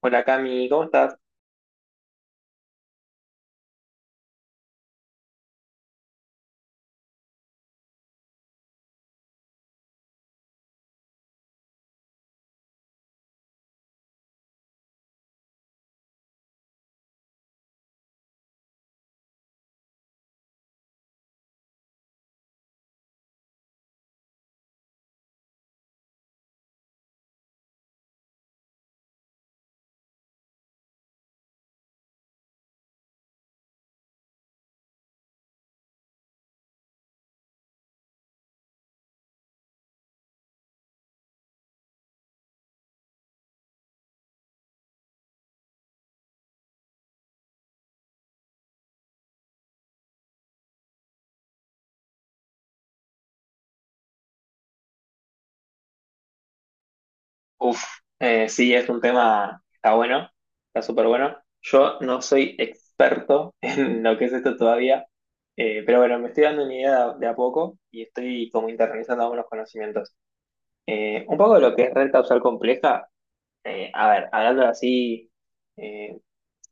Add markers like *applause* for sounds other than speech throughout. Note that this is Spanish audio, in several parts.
Hola Cami, ¿cómo estás? Uf, sí, es un tema, está bueno, está súper bueno. Yo no soy experto *laughs* en lo que es esto todavía, pero bueno, me estoy dando una idea de a poco y estoy como internalizando algunos conocimientos. Un poco de lo que es red causal compleja, a ver, hablando así eh,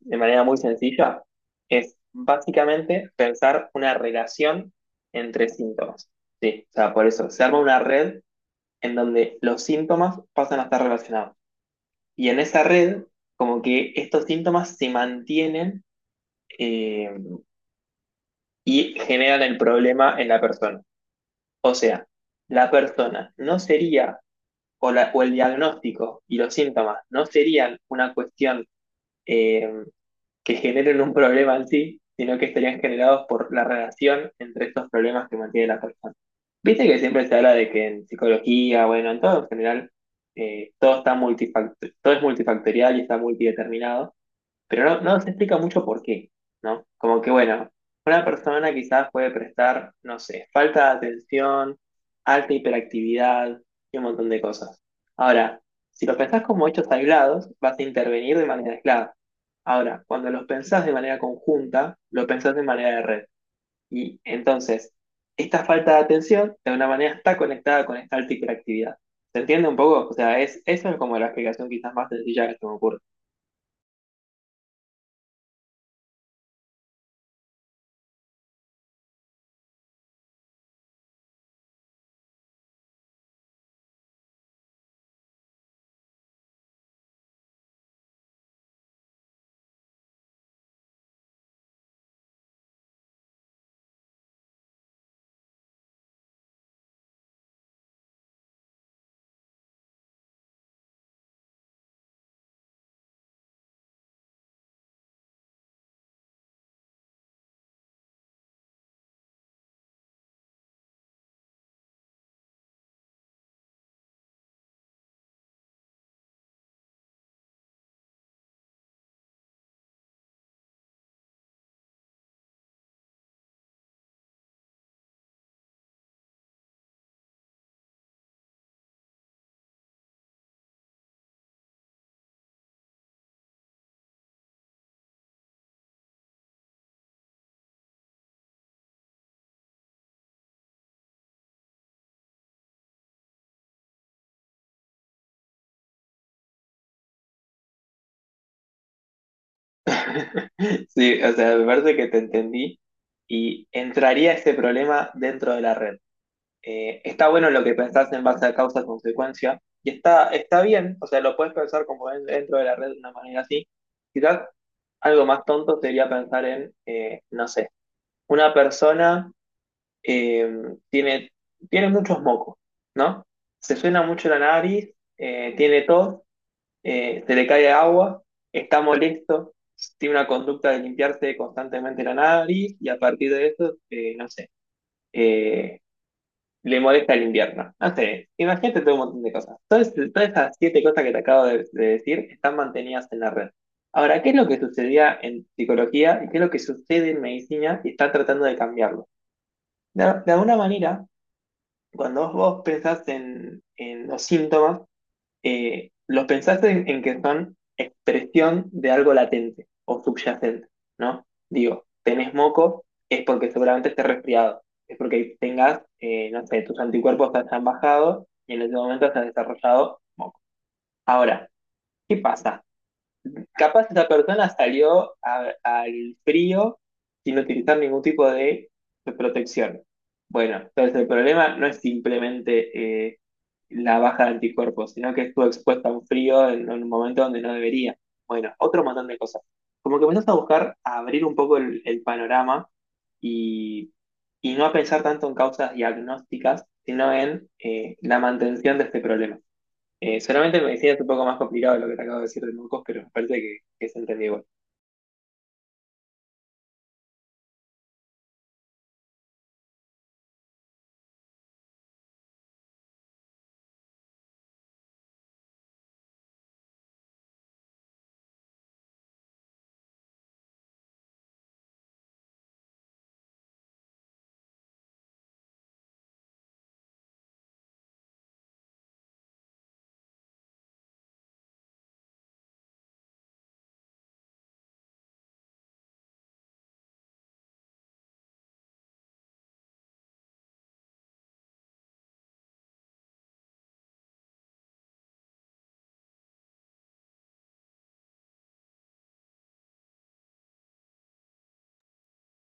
de manera muy sencilla, es básicamente pensar una relación entre síntomas. Sí, o sea, por eso se arma una red en donde los síntomas pasan a estar relacionados. Y en esa red, como que estos síntomas se mantienen eh, y generan el problema en la persona. O sea, la persona no sería, o, o el diagnóstico y los síntomas no serían una cuestión eh, que generen un problema en sí, sino que estarían generados por la relación entre estos problemas que mantiene la persona. Viste que siempre se habla de que en psicología, bueno, en todo en general, todo, está todo es multifactorial y está multideterminado pero no se explica mucho por qué, ¿no? Como que, bueno, una persona quizás puede prestar, no sé, falta de atención, alta hiperactividad y un montón de cosas. Ahora, si los pensás como hechos aislados, vas a intervenir de manera aislada. Ahora, cuando los pensás de manera conjunta, lo pensás de manera de red. Y entonces, esta falta de atención de una manera está conectada con esta alta hiperactividad. ¿Se entiende un poco? O sea, es, eso es como la explicación quizás más sencilla que se me ocurre. *laughs* Sí, o sea, me parece que te entendí y entraría este problema dentro de la red. Está bueno lo que pensás en base a causa-consecuencia y está, está bien, o sea, lo puedes pensar como dentro de la red de una manera así. Quizás algo más tonto sería pensar en, no sé, una persona eh, tiene, tiene muchos mocos, ¿no? Se suena mucho la nariz, tiene tos, se le cae agua, está molesto, tiene una conducta de limpiarse constantemente la nariz y a partir de eso, no sé, eh, le molesta el invierno. No sé, imagínate todo un montón de cosas. Todas, todas esas 7 cosas que te acabo de decir están mantenidas en la red. Ahora, ¿qué es lo que sucedía en psicología y qué es lo que sucede en medicina y está tratando de cambiarlo? De alguna manera, cuando vos pensás en los síntomas, los pensás en que son expresión de algo latente o subyacente, ¿no? Digo, tenés moco, es porque seguramente estés resfriado, es porque tengas, no sé, tus anticuerpos se han bajado y en ese momento se ha desarrollado moco. Ahora, ¿qué pasa? Capaz esa persona salió al frío sin utilizar ningún tipo de protección. Bueno, entonces el problema no es simplemente la baja de anticuerpos, sino que estuvo expuesta a un frío en un momento donde no debería. Bueno, otro montón de cosas. Como que empezás a buscar a abrir un poco el panorama y, y no a pensar tanto en causas diagnósticas, sino en la mantención de este problema. Solamente el medicina es un poco más complicado lo que te acabo de decir de mocos, pero me parece que se entendió igual.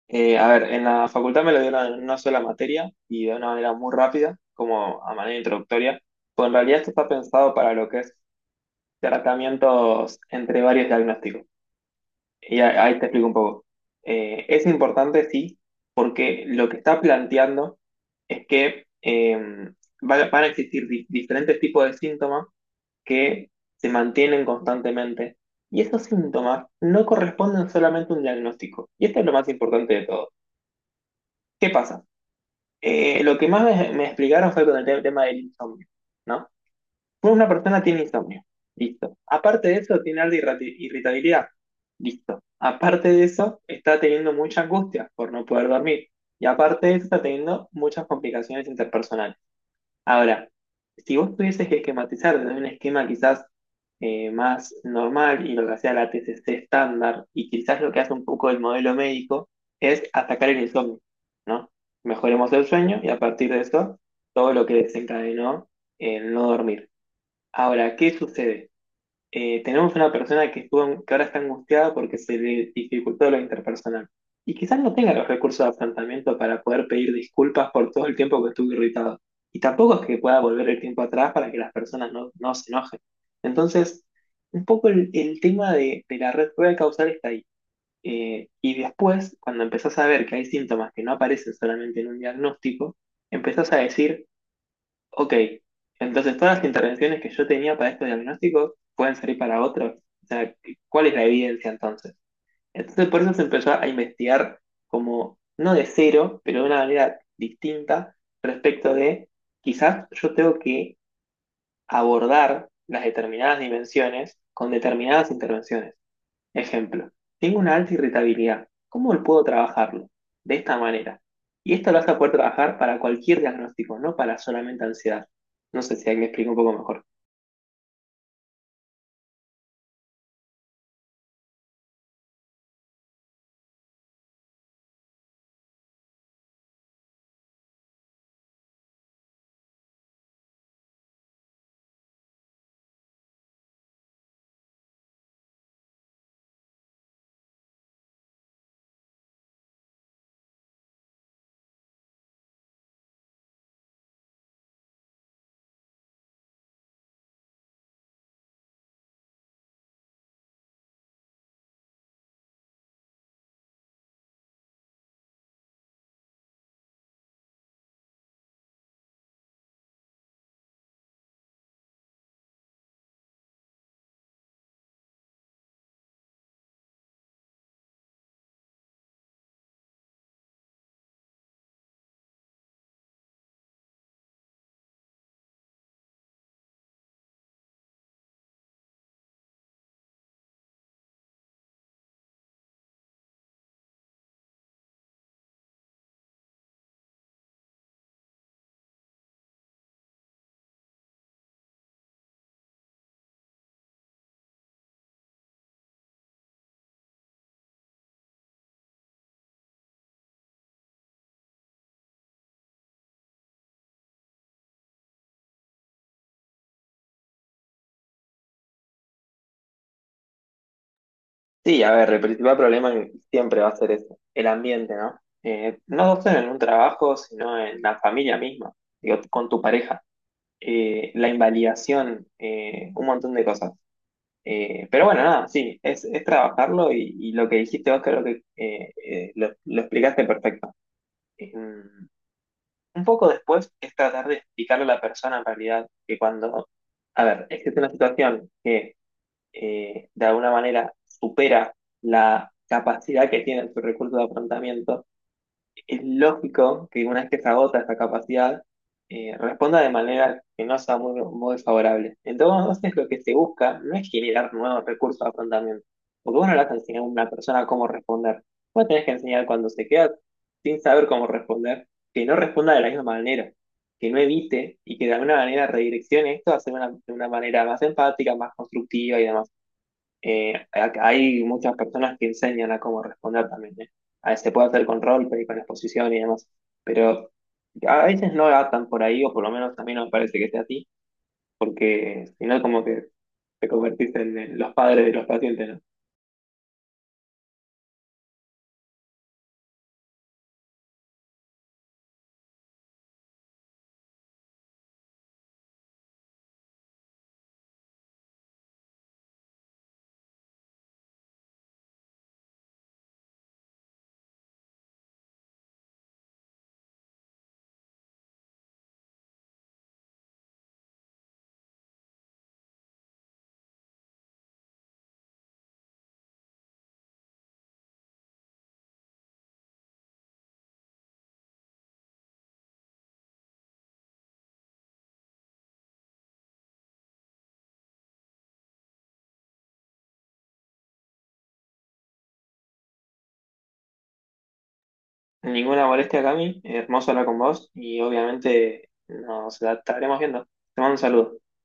A ver, en la facultad me lo dieron en una sola materia y de una manera muy rápida, como a manera introductoria, pues en realidad esto está pensado para lo que es tratamientos entre varios diagnósticos. Y ahí te explico un poco. Es importante, sí, porque lo que está planteando es que van a existir diferentes tipos de síntomas que se mantienen constantemente. Y esos síntomas no corresponden solamente a un diagnóstico. Y esto es lo más importante de todo. ¿Qué pasa? Lo que más me explicaron fue con el tema del insomnio, ¿no? Una persona tiene insomnio, listo. Aparte de eso, tiene alta irritabilidad, listo. Aparte de eso, está teniendo mucha angustia por no poder dormir. Y aparte de eso, está teniendo muchas complicaciones interpersonales. Ahora, si vos tuvieses que esquematizar desde un esquema quizás más normal y lo que hacía la TCC estándar y quizás lo que hace un poco el modelo médico es atacar el insomnio, ¿no? Mejoremos el sueño y a partir de eso todo lo que desencadenó en no dormir. Ahora, ¿qué sucede? Tenemos una persona que, estuvo, que ahora está angustiada porque se le dificultó lo interpersonal. Y quizás no tenga los recursos de afrontamiento para poder pedir disculpas por todo el tiempo que estuvo irritado. Y tampoco es que pueda volver el tiempo atrás para que las personas no, no se enojen. Entonces, un poco el tema de la red rueda causal está ahí. Y después, cuando empezás a ver que hay síntomas que no aparecen solamente en un diagnóstico, empezás a decir ok, entonces todas las intervenciones que yo tenía para estos diagnósticos pueden salir para otros. O sea, ¿cuál es la evidencia entonces? Entonces por eso se empezó a investigar como, no de cero, pero de una manera distinta respecto de, quizás yo tengo que abordar las determinadas dimensiones con determinadas intervenciones. Ejemplo, tengo una alta irritabilidad. ¿Cómo puedo trabajarlo? De esta manera. Y esto lo vas a poder trabajar para cualquier diagnóstico, no para solamente ansiedad. No sé si ahí me explico un poco mejor. Sí, a ver, el principal problema siempre va a ser ese, el ambiente, ¿no? No solo en un trabajo, sino en la familia misma, digo, con tu pareja. La invalidación, un montón de cosas. Pero bueno, nada, sí, es trabajarlo y lo que dijiste vos creo que lo explicaste perfecto. Eh, un poco después es tratar de explicarle a la persona en realidad que cuando, a ver, existe una situación que de alguna manera supera la capacidad que tiene su recurso de afrontamiento, es lógico que una vez que se agota esa capacidad, responda de manera que no sea muy, muy favorable. Entonces, lo que se busca no es generar nuevos recursos de afrontamiento, porque vos no le vas a enseñar a una persona cómo responder. Vos tenés que enseñar cuando se queda sin saber cómo responder, que no responda de la misma manera, que no evite y que de alguna manera redireccione esto a ser una, de una manera más empática, más constructiva y demás. Hay muchas personas que enseñan a cómo responder también, ¿eh? A- Se puede hacer con roleplay, con exposición y demás, pero a veces no atan por ahí, o por lo menos a mí no me parece que sea así, porque si no, como que te convertís en los padres de los pacientes, ¿no? Ninguna molestia, Cami, hermoso hablar con vos y obviamente nos estaremos viendo. Te mando un saludo.